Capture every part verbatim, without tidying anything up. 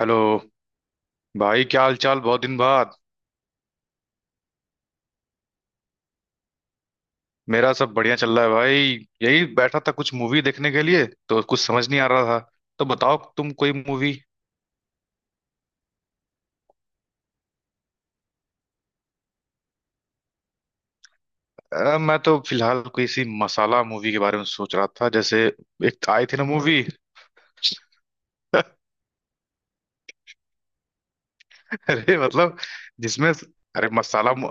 Hello भाई, क्या हाल चाल? बहुत दिन बाद। मेरा सब बढ़िया चल रहा है भाई। यही बैठा था कुछ मूवी देखने के लिए, तो कुछ समझ नहीं आ रहा था। तो बताओ तुम कोई मूवी? मैं तो फिलहाल कोई सी मसाला मूवी के बारे में सोच रहा था, जैसे एक आई थी ना मूवी अरे मतलब जिसमें, अरे मसाला मु-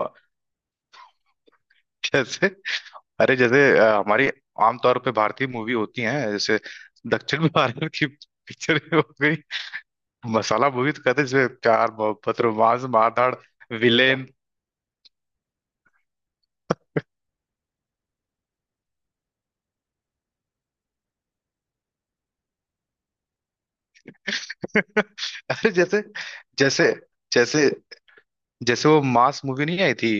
जैसे, अरे जैसे अ, हमारी आमतौर पे भारतीय मूवी होती है, जैसे दक्षिण भारत की पिक्चर हो गई। मसाला मूवी तो कहते हैं जिसमें प्यार मोहब्बत रोमांस मार धाड़ विलेन। अरे जैसे जैसे जैसे जैसे वो मास मूवी नहीं आई थी?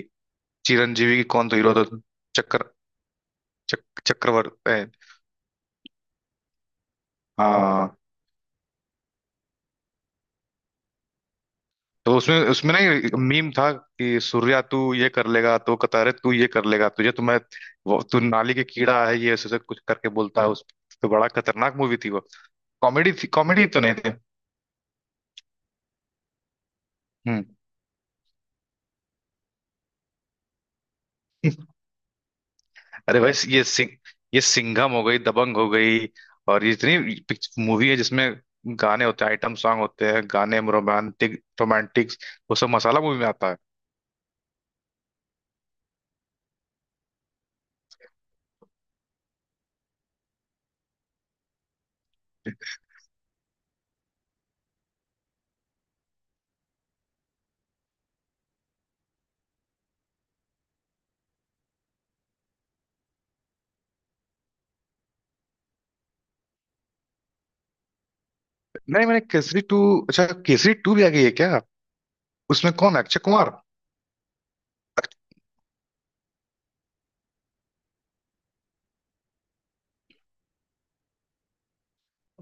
चिरंजीवी की, कौन तो हीरो था? चक्कर, चक, चक्रवर्ती ए, हाँ। तो उसमें उसमें ना मीम था कि सूर्या तू ये कर लेगा, तो कहता अरे तू ये कर लेगा, तुझे तो मैं वो तू नाली के कीड़ा है, ये ऐसे ऐसे कुछ करके बोलता है उस। तो बड़ा खतरनाक मूवी थी वो। कॉमेडी थी, कॉमेडी तो नहीं थी। हम्म। अरे भाई ये सिंह, ये सिंघम हो गई, दबंग हो गई, और ये इतनी मूवी है जिसमें गाने होते हैं, आइटम सॉन्ग होते हैं, गाने रोमांटिक, रोमांटिक, वो सब मसाला मूवी में आता है। नहीं, मैंने केसरी टू, अच्छा केसरी टू भी आ गई है क्या? उसमें कौन है, अक्षय कुमार?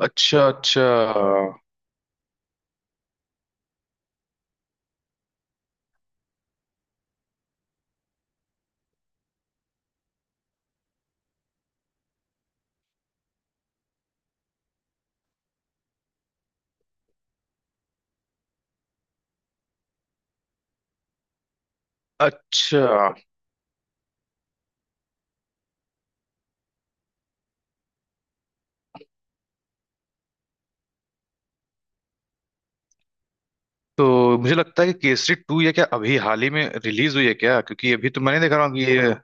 अच्छा, अच्छा, अच्छा। तो मुझे लगता है कि केसरी टू ये क्या अभी हाल ही में रिलीज हुई है क्या? क्योंकि अभी तो मैंने देखा रहा हूँ कि ये।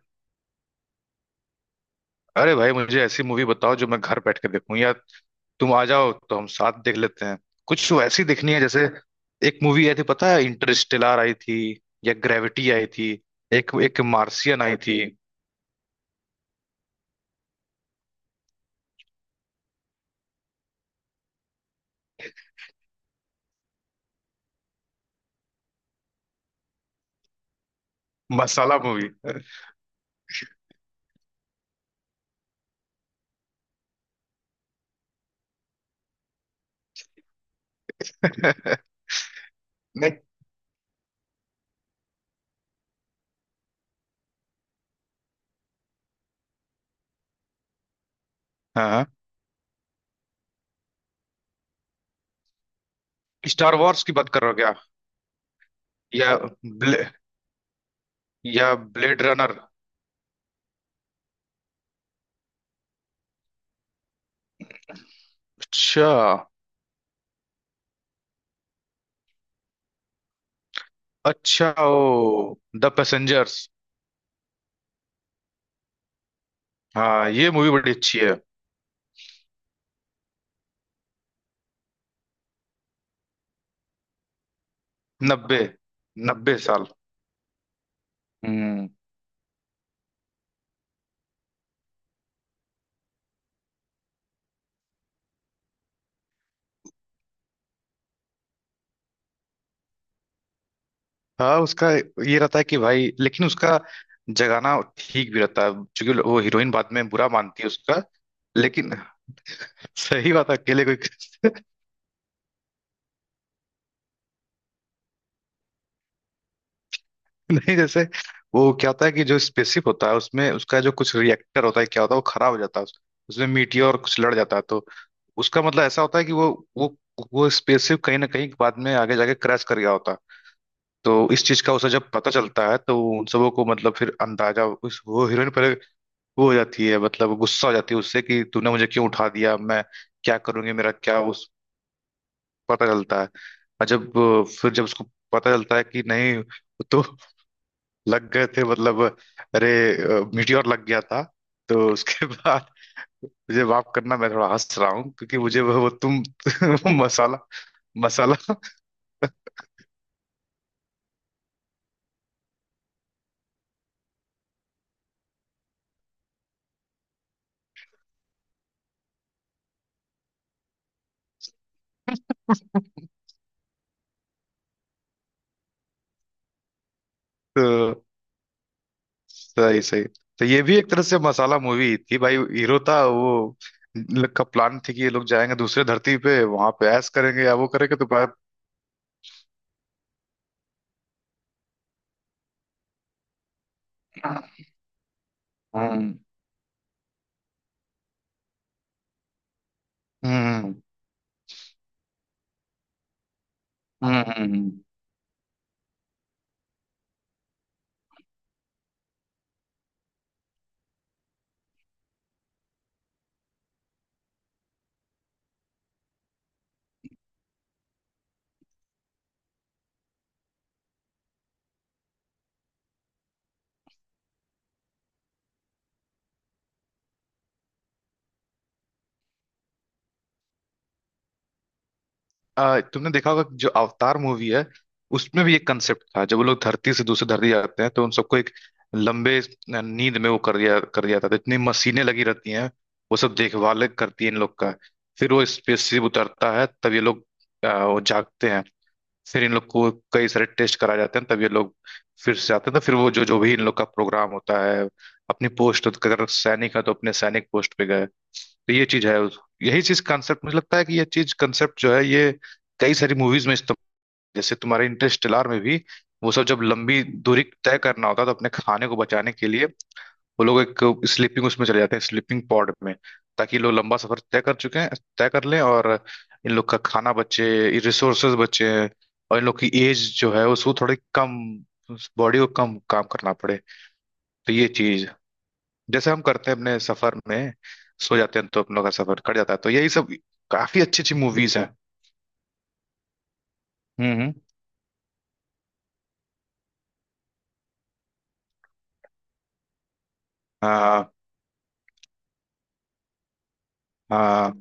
अरे भाई, मुझे ऐसी मूवी बताओ जो मैं घर बैठ कर देखूँ, या तुम आ जाओ तो हम साथ देख लेते हैं। कुछ ऐसी देखनी है, जैसे एक मूवी आई थी पता है, इंटरस्टेलर आई थी, या ग्रेविटी आई थी, एक एक मार्सियन आई थी। मसाला मूवी नहीं। हाँ, स्टार वॉर्स की बात कर रहे हो क्या? या ब्ले, या ब्लेड रनर। अच्छा, अच्छा, ओ द पैसेंजर्स। हाँ, ये मूवी बड़ी अच्छी है। नब्बे नब्बे साल। हम्म। हाँ उसका, ये रहता है कि भाई, लेकिन उसका जगाना ठीक भी रहता है, क्योंकि वो हीरोइन बाद में बुरा मानती है उसका, लेकिन सही बात है, अकेले कोई नहीं, जैसे वो क्या होता है कि जो स्पेसशिप होता है, उसमें उसका जो कुछ रिएक्टर होता है, क्या होता है, वो खराब हो जाता है उस-। उसमें मीटियोर कुछ लड़ जाता है, तो उसका मतलब ऐसा होता है कि वो वो वो स्पेसशिप कहीं ना कहीं बाद में आगे जाके क्रैश कर गया होता है। तो इस चीज का उसे जब पता चलता है तो उन सबों को मतलब फिर अंदाजा, उस वो हीरोइन पहले वो हो जाती है, मतलब गुस्सा हो जाती है उससे कि तूने मुझे क्यों उठा दिया, मैं क्या करूंगी, मेरा क्या उस, पता चलता है। और जब फिर जब उसको पता चलता है कि नहीं, वो तो लग गए थे मतलब, अरे मीटियोर लग गया था। तो उसके बाद, मुझे माफ करना मैं थोड़ा हंस रहा हूँ क्योंकि मुझे वो, वो तुम वो मसाला, मसाला तो सही, सही, तो ये भी एक तरह से मसाला मूवी थी भाई। हीरो था वो, इन लोग का प्लान थी कि ये लोग जाएंगे दूसरे धरती पे, वहां पे ऐश करेंगे या वो करेंगे तो। हम्म, हम्म, हम्म। आ, तुमने देखा होगा कि जो अवतार मूवी है उसमें भी एक कंसेप्ट था, जब वो लोग धरती से दूसरी धरती जाते हैं तो उन सबको एक लंबे नींद में वो कर दिया कर दिया था, तो इतनी मशीनें लगी रहती हैं, वो सब देखभाल करती है इन लोग का। फिर वो स्पेसशिप उतरता है तब ये लोग आ, वो जागते हैं। फिर इन लोग को कई सारे टेस्ट कराए जाते हैं, तब ये लोग फिर से आते हैं, तो फिर वो जो जो भी इन लोग का प्रोग्राम होता है, अपनी पोस्ट अगर सैनिक है तो अपने सैनिक पोस्ट पे गए। तो ये चीज है उस-, यही चीज कंसेप्ट मुझे लगता है कि ये चीज कंसेप्ट जो है, ये कई सारी मूवीज में इस्तेमाल, जैसे तुम्हारे इंटरस्टेलर में भी वो सब, जब लंबी दूरी तय करना होता है तो अपने खाने को बचाने के लिए वो लोग एक स्लीपिंग उसमें चले जाते हैं, स्लीपिंग पॉड में, ताकि ये लोग लंबा सफर तय कर चुके हैं, तय कर लें, और इन लोग का खाना बचे, रिसोर्सेज बचे, और इन लोग की एज जो है उसको थोड़ी कम, बॉडी को कम काम करना पड़े। तो ये चीज, जैसे हम करते हैं अपने सफर में सो जाते हैं, तो अपनों का सफर कट जाता है, तो यही सब काफी अच्छी अच्छी मूवीज हैं। हम्म, हम्म। आ, आ,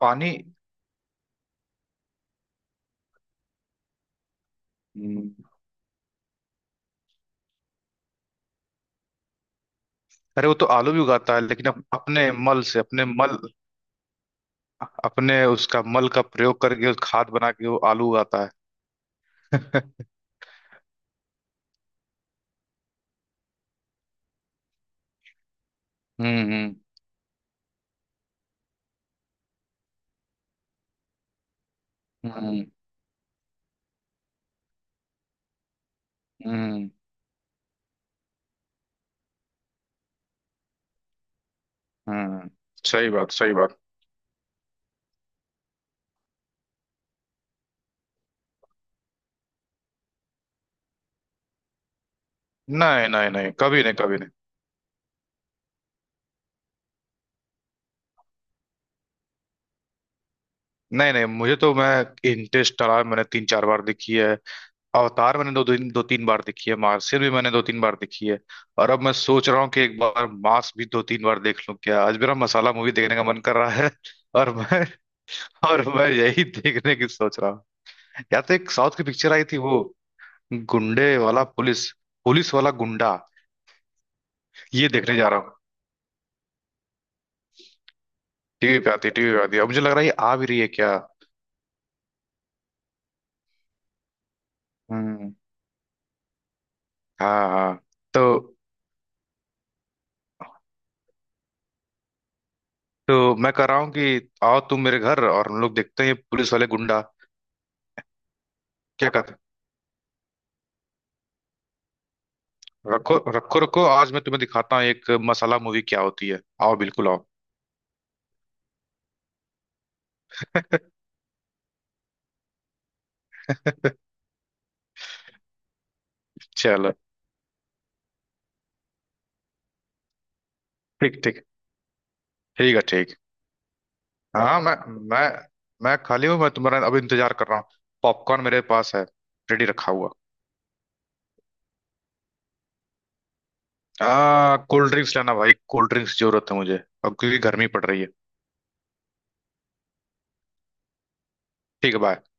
पानी। हम्म। अरे वो तो आलू भी उगाता है लेकिन अप, अपने मल से, अपने मल, अपने उसका मल का प्रयोग करके, उस खाद बना के वो आलू उगाता है हम्म, हम्म, हम्म, हम्म, हम्म। सही बात, सही बात। नहीं, नहीं, नहीं, कभी नहीं, कभी नहीं। नहीं, नहीं, मुझे तो मैं इंटरेस्ट रहा, मैंने तीन चार बार देखी है। अवतार मैंने दो दिन दो तीन बार देखी है, मार्शियल भी मैंने दो तीन बार देखी है। और अब मैं सोच रहा हूँ कि एक बार मास भी दो तीन बार देख लूं क्या, आज मेरा मसाला मूवी देखने का मन कर रहा है और मैं और मैं यही देखने की सोच रहा हूँ। या तो एक साउथ की पिक्चर आई थी वो, गुंडे वाला पुलिस, पुलिस वाला गुंडा, ये देखने जा रहा हूँ। टीवी पे आती है, टीवी पे आती है, अब मुझे लग रहा है ये आ भी रही है क्या? हम्म। हाँ, हाँ। तो तो मैं कह रहा हूँ कि आओ तुम मेरे घर और हम लोग देखते हैं ये पुलिस वाले गुंडा। क्या कहते हो? रखो, रखो, रखो, आज मैं तुम्हें दिखाता हूँ एक मसाला मूवी क्या होती है। आओ, बिल्कुल आओ चलो, ठीक, ठीक, ठीक है ठीक। हाँ, मैं मैं मैं खाली हूँ, मैं तुम्हारा अभी इंतजार कर रहा हूँ। पॉपकॉर्न मेरे पास है, रेडी रखा हुआ। आ, कोल्ड ड्रिंक्स लेना भाई, कोल्ड ड्रिंक्स जरूरत है मुझे, अब क्योंकि गर्मी पड़ रही है। ठीक है, बाय।